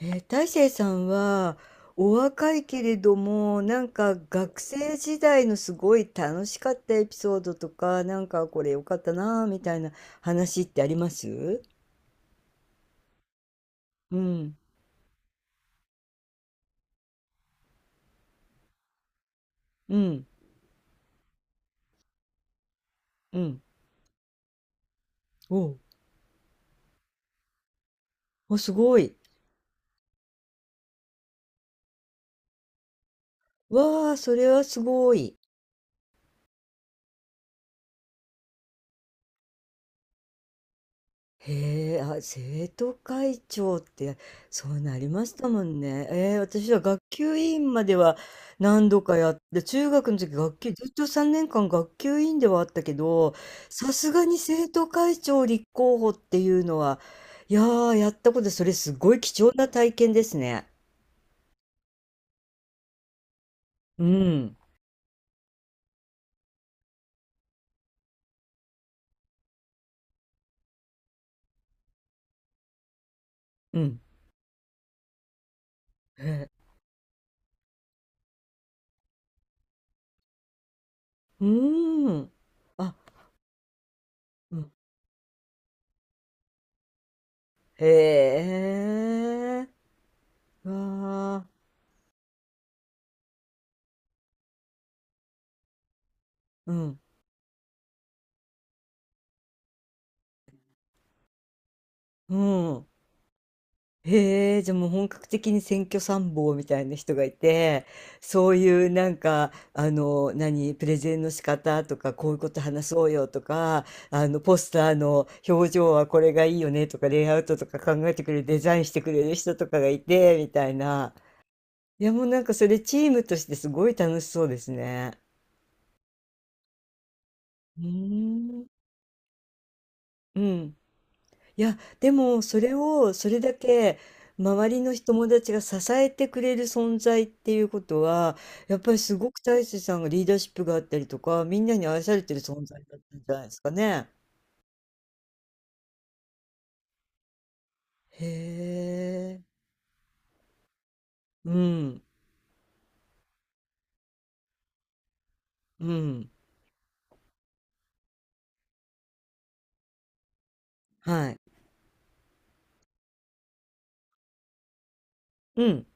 大成さんはお若いけれどもなんか学生時代のすごい楽しかったエピソードとかなんかこれ良かったなぁみたいな話ってあります？うん。うん。うん。おう。おすごい。わあ、それはすごい。へえ、あ、生徒会長って、そうなりましたもんね。私は学級委員までは何度かやって、中学の時学級、ずっと3年間学級委員ではあったけど、さすがに生徒会長立候補っていうのは、いやー、やったことで、それすごい貴重な体験ですね。うん、うん、へえ、うーん、あ、うん、へえ、わー、うん、うん。へえ、じゃあもう本格的に選挙参謀みたいな人がいて、そういうなんか、あの、何、プレゼンの仕方とか、こういうこと話そうよとか、あの、ポスターの表情はこれがいいよねとか、レイアウトとか考えてくれる、デザインしてくれる人とかがいて、みたいな。いや、もうなんかそれチームとしてすごい楽しそうですね。うーん。うん。いや、でもそれをそれだけ周りの友達が支えてくれる存在っていうことは、やっぱりすごく大勢さんがリーダーシップがあったりとか、みんなに愛されてる存在だったんじゃないですかね。へえ。うん、うん、はい。うん、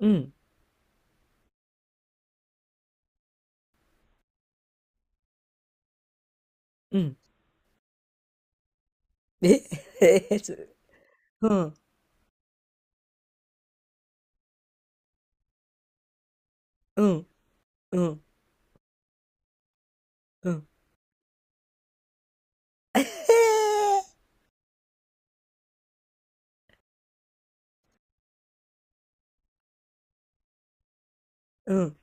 うん、うん。え、へえ、す、うん、うん、うん、うん。えへへ、うん。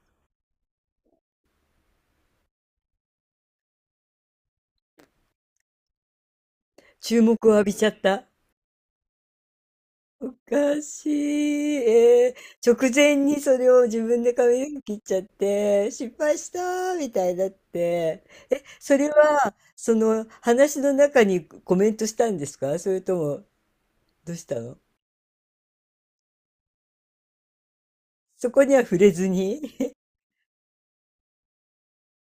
注目を浴びちゃった。おかしい。えー、直前にそれを自分で髪の毛切っちゃって、失敗したーみたいになって、それは、その話の中にコメントしたんですか、それとも、どうしたの？そこには触れずに。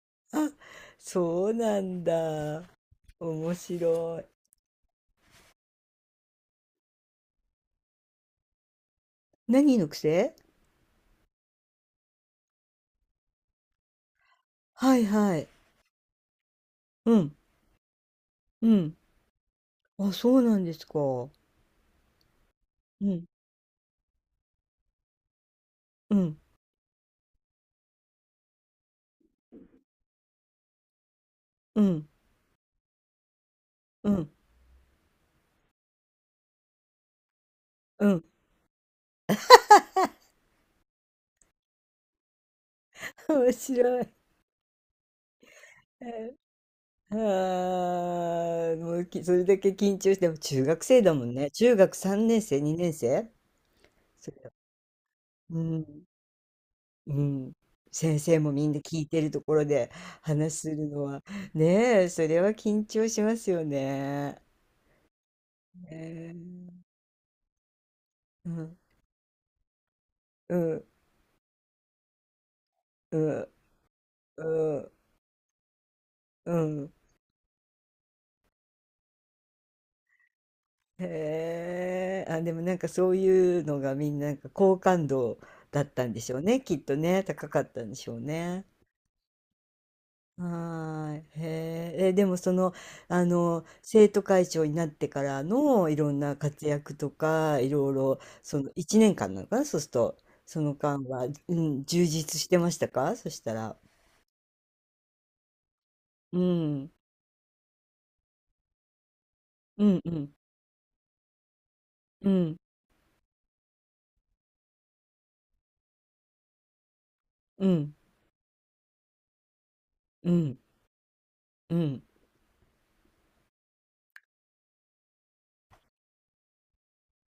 あ、そうなんだ。面白い。何の癖？はいはい。うん、うん。あ、そうなんですか。うん、うん、うん、うん、うん。面白い。ああ、もうきそれだけ緊張して、でも中学生だもんね。中学3年生、2年生、それだ、うん、うん。先生もみんな聞いてるところで話するのは、ねえ、それは緊張しますよね。ねえ、うん、うん、うん、うん、うん。へえ、あ、でもなんかそういうのがみんななんか好感度だったんでしょうね。きっとね、高かったんでしょうね。はーい。へーえ、でもその、あの、生徒会長になってからのいろんな活躍とか、いろいろ、その1年間なのかな、そうすると、その間は、うん、充実してましたか、そしたら。うん、うん、うん、うん、うん、うん、うん、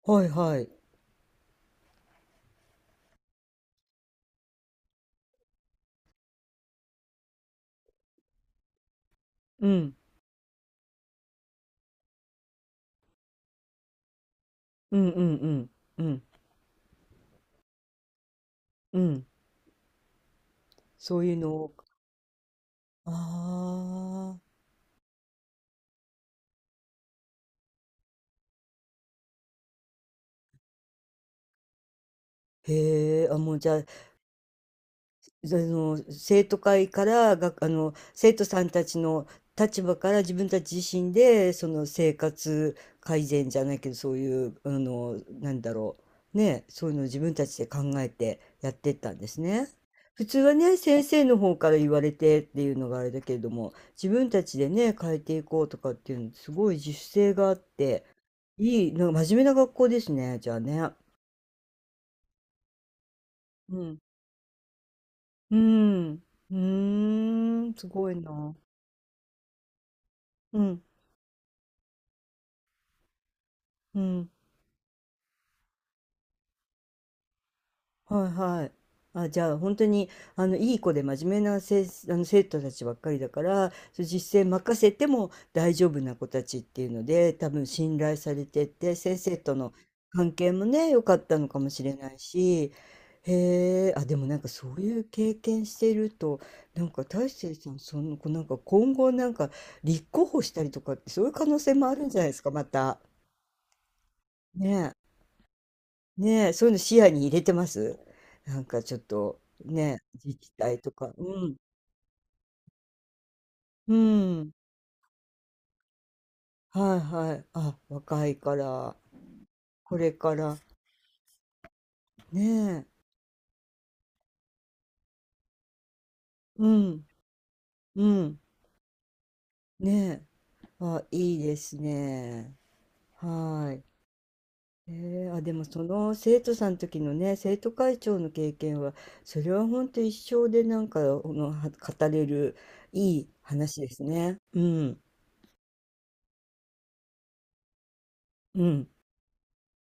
はい、はい。うん、うん、うん、うん、うん、うん、そういうのを、ああ、へえ、あ、もうじゃあ、あの生徒会からがあの生徒さんたちの立場から自分たち自身でその生活改善じゃないけど、そういうあの、なんだろうね、そういうのを自分たちで考えてやってったんですね。普通はね、先生の方から言われてっていうのがあれだけれども、自分たちでね、変えていこうとかっていうのすごい自主性があっていい、なんか真面目な学校ですね、じゃあね。うん。うん。うーん、すごいな。うん、うん、はいはい。あ、じゃあ本当にあのいい子で真面目なせ、あの生徒たちばっかりだから、そう実践任せても大丈夫な子たちっていうので、多分信頼されてて、先生との関係もね、良かったのかもしれないし、へえ、あ、でもなんかそういう経験してると、なんか大成さん、その、こうなんか今後なんか立候補したりとかって、そういう可能性もあるんじゃないですか、また。ねえ。ねえ、そういうの視野に入れてます？なんかちょっと、ね、自治体とか、うん、うん、はいはい。あ、若いから、これから、ねえ、うん、うん、ねえ、あ、いいですね。はい。あ、でもその生徒さんの時のね、生徒会長の経験は、それはほんと一生でなんか、この、は語れるいい話ですね。うん、うん、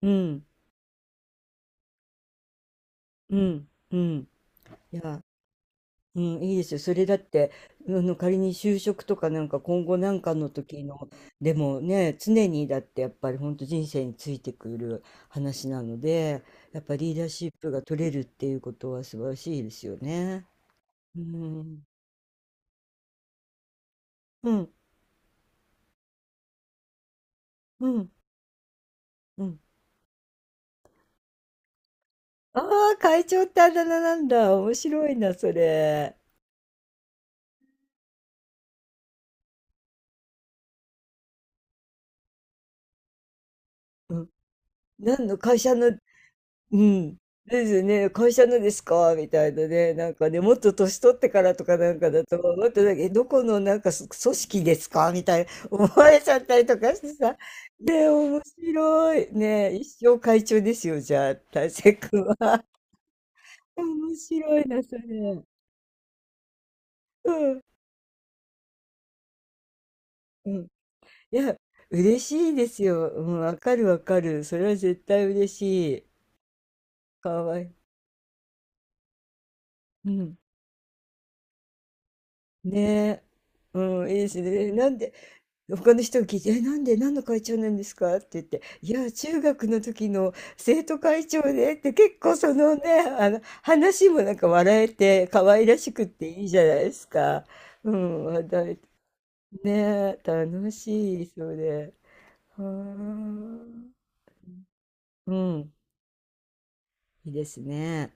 うん、うん、うん。いや、うん、いいですよ。それだって、あの、仮に就職とかなんか今後なんかの時の、でもね、常にだってやっぱり本当人生についてくる話なので、やっぱリーダーシップが取れるっていうことは素晴らしいですよね。うん、うん、うん、うん。ああ、会長ってあだ名なんだ。面白いな、それ。うん。何の会社の、うん。ですよね。会社のですか？みたいなね。なんかね、もっと年取ってからとかなんかだと、もっとなんか、え、どこのなんか、そ組織ですか？みたいな思われちゃったりとかしてさ。ね、面白い。ね、一生会長ですよ、じゃあ、大成君は。面白いな、それ。うん、うん。いや、嬉しいですよ。うん、分かる分かる。それは絶対嬉しい。かわいい、うん。ねえ。うん、いいですね。なんで他の人が聞いて、え、なんで、何の会長なんですかって言って、いや、中学の時の生徒会長でって、結構そのね、あの、話もなんか笑えて可愛らしくっていいじゃないですか。うん、話題、ね、楽しい、それ。はあ、うん、いいですね。